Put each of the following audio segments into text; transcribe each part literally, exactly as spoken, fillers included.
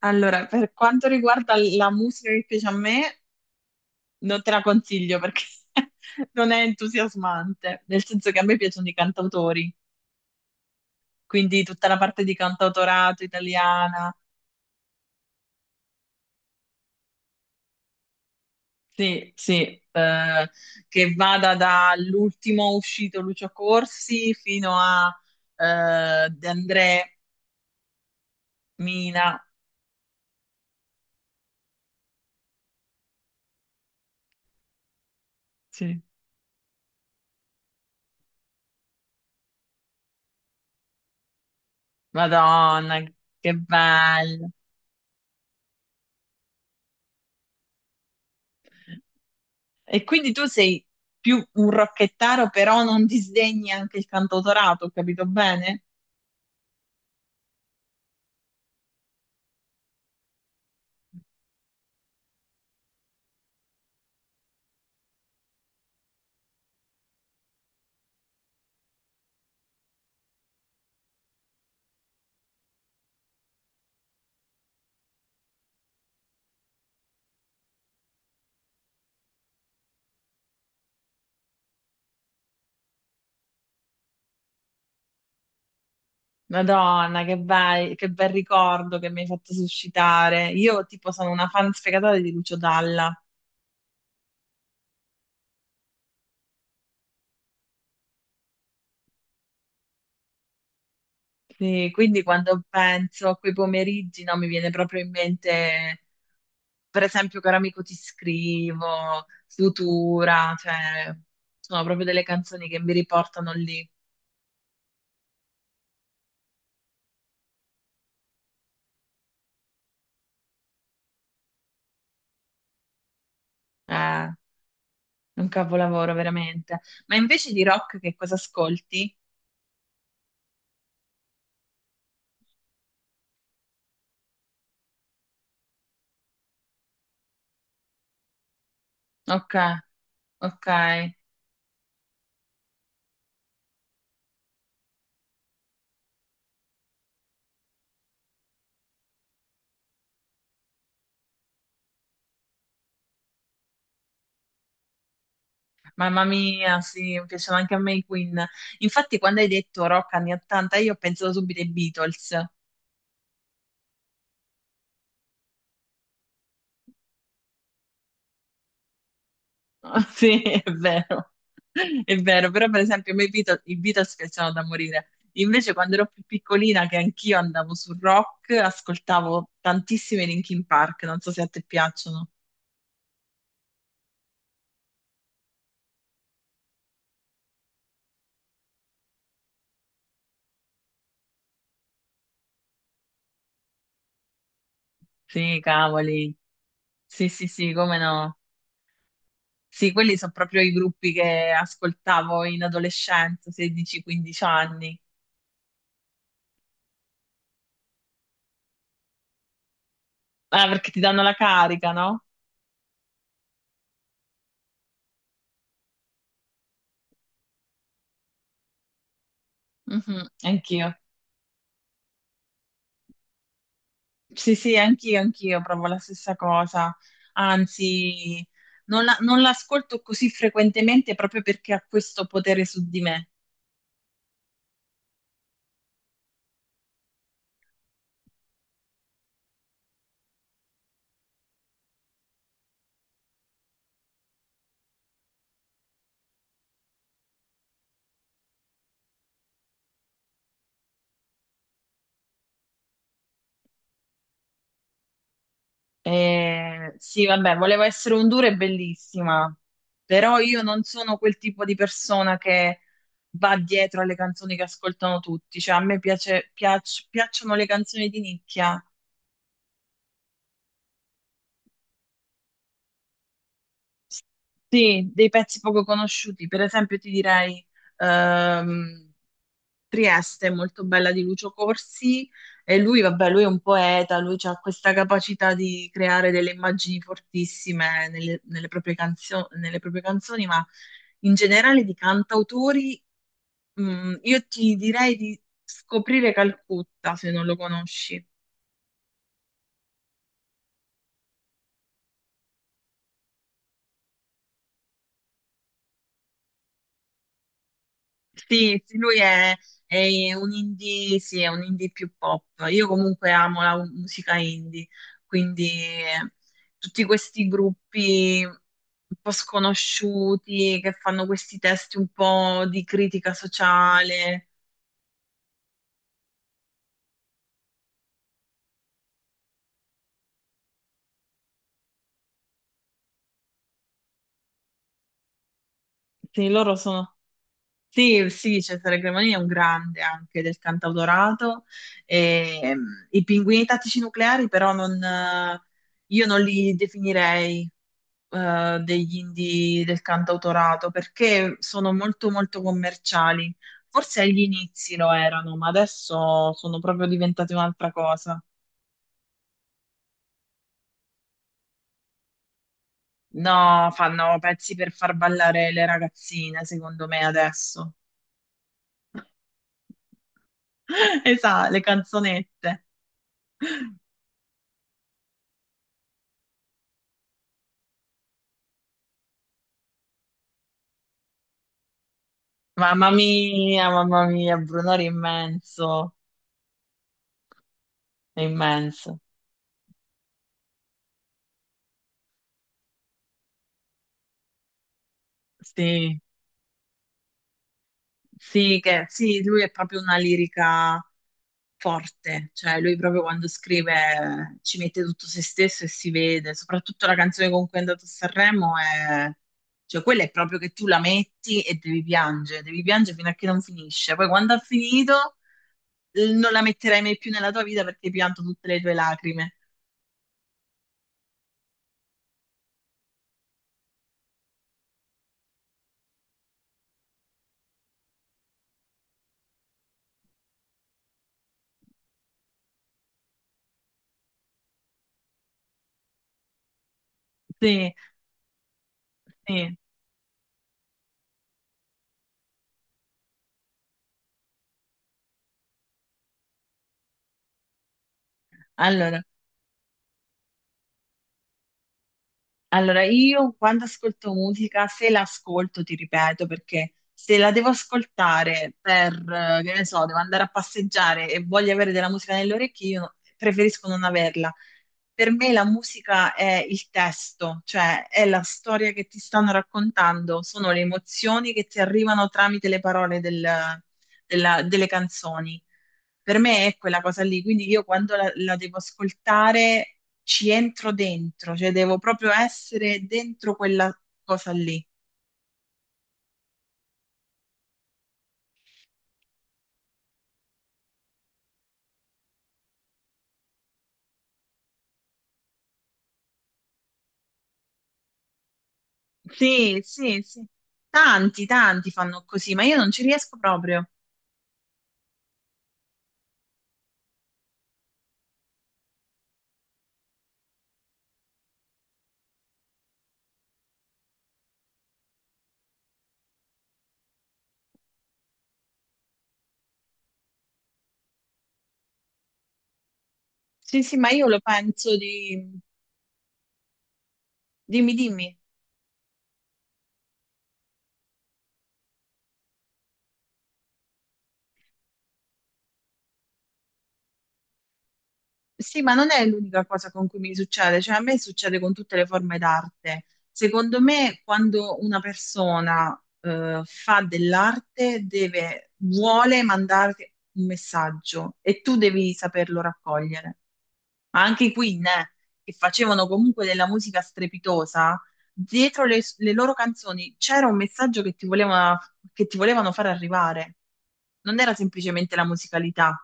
Allora, per quanto riguarda la musica che piace a me, non te la consiglio perché non è entusiasmante, nel senso che a me piacciono i cantautori, quindi tutta la parte di cantautorato italiana, sì, sì, eh, che vada dall'ultimo uscito Lucio Corsi fino a eh, De André, Mina, sì. Madonna, che bello. E quindi tu sei più un rocchettaro, però non disdegni anche il cantautorato, ho capito bene? Madonna, che bei- che bel ricordo che mi hai fatto suscitare. Io tipo sono una fan sfegatata di Lucio Dalla. Sì, quindi quando penso a quei pomeriggi, no, mi viene proprio in mente, per esempio, Caro amico ti scrivo, Sutura, cioè, sono proprio delle canzoni che mi riportano lì. Eh, un capolavoro veramente. Ma invece di rock che cosa ascolti? Ok, ok. Mamma mia, sì, mi piacciono anche a me i Queen. Infatti, quando hai detto rock anni ottanta, io ho pensato subito ai Beatles. Sì, è vero. È vero, però per esempio a me i Beatles, i Beatles piacciono da morire. Invece quando ero più piccolina, che anch'io andavo sul rock, ascoltavo tantissimi Linkin Park, non so se a te piacciono. Sì, cavoli. Sì, sì, sì, come no. Sì, quelli sono proprio i gruppi che ascoltavo in adolescenza, sedici, quindici anni. Ah, perché ti danno la carica, no? Mhm, Anch'io. Sì, sì, anch'io, anch'io provo la stessa cosa. Anzi, non la- non l'ascolto così frequentemente proprio perché ha questo potere su di me. Eh, sì, vabbè, volevo essere un duro e bellissima, però io non sono quel tipo di persona che va dietro alle canzoni che ascoltano tutti. Cioè, a me piace, piac- piacciono le canzoni di nicchia. Sì, dei pezzi poco conosciuti, per esempio ti direi ehm, Trieste, molto bella di Lucio Corsi, e lui, vabbè, lui è un poeta, lui ha questa capacità di creare delle immagini fortissime nelle, nelle proprie canzio- nelle proprie canzoni, ma in generale di cantautori, mm, io ti direi di scoprire Calcutta, se non lo conosci. Sì, sì, lui è, è un indie, sì, è un indie più pop. Io comunque amo la musica indie, quindi eh, tutti questi gruppi un po' sconosciuti che fanno questi testi un po' di critica sociale. Sì, loro sono... Sì, sì, Cesare Cremonini è un grande anche del cantautorato. E, ehm, I Pinguini Tattici Nucleari però non... eh, Io non li definirei. eh, degli indie del cantautorato perché sono molto molto commerciali. Forse agli inizi lo erano, ma adesso sono proprio diventate un'altra cosa. No, fanno pezzi per far ballare le ragazzine, secondo me adesso. Esatto, le canzonette. Mamma mia, mamma mia, Brunori è immenso, è immenso. Sì. Sì, che, sì, lui è proprio una lirica forte, cioè lui proprio quando scrive ci mette tutto se stesso e si vede, soprattutto la canzone con cui è andato a Sanremo è... Cioè, quella è proprio che tu la metti e devi piangere, devi piangere fino a che non finisce. Poi quando ha finito eh, non la metterai mai più nella tua vita perché hai pianto tutte le tue lacrime. Sì, sì. Allora, Allora, io quando ascolto musica, se l'ascolto, ti ripeto, perché se la devo ascoltare per, eh, che ne so, devo andare a passeggiare e voglio avere della musica nelle orecchie, io preferisco non averla. Per me la musica è il testo, cioè è la storia che ti stanno raccontando, sono le emozioni che ti arrivano tramite le parole del- della- delle canzoni. Per me è quella cosa lì, quindi io quando la, la devo ascoltare ci entro dentro, cioè devo proprio essere dentro quella cosa lì. Sì, sì, sì. Tanti, tanti fanno così, ma io non ci riesco proprio. Sì, sì, ma io lo penso di... Dimmi, dimmi. Sì, ma non è l'unica cosa con cui mi succede, cioè a me succede con tutte le forme d'arte. Secondo me, quando una persona eh, fa dell'arte, deve, vuole mandarti un messaggio e tu devi saperlo raccogliere. ma anche i Queen, eh, che facevano comunque della musica strepitosa, dietro le, le loro canzoni c'era un messaggio che ti volevano, che ti volevano far arrivare. Non era semplicemente la musicalità.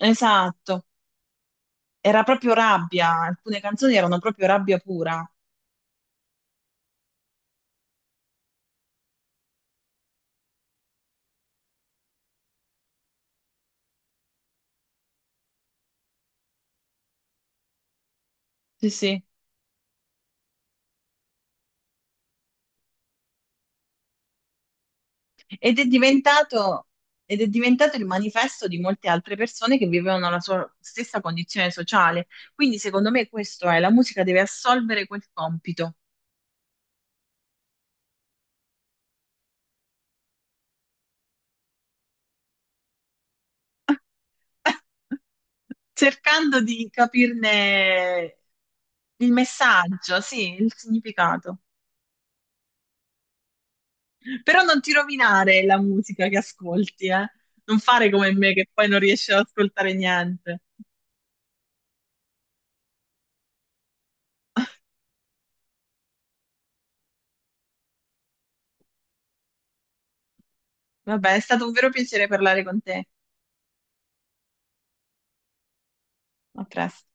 Esatto, era proprio rabbia, alcune canzoni erano proprio rabbia pura. Sì, sì. Ed è diventato, ed è diventato il manifesto di molte altre persone che vivevano la sua stessa condizione sociale. Quindi, secondo me, questo è, la musica deve assolvere quel compito. cercando di capirne il messaggio, sì, il significato. Però non ti rovinare la musica che ascolti, eh. Non fare come me che poi non riesci ad ascoltare niente. Vabbè, è stato un vero piacere parlare con te. A presto.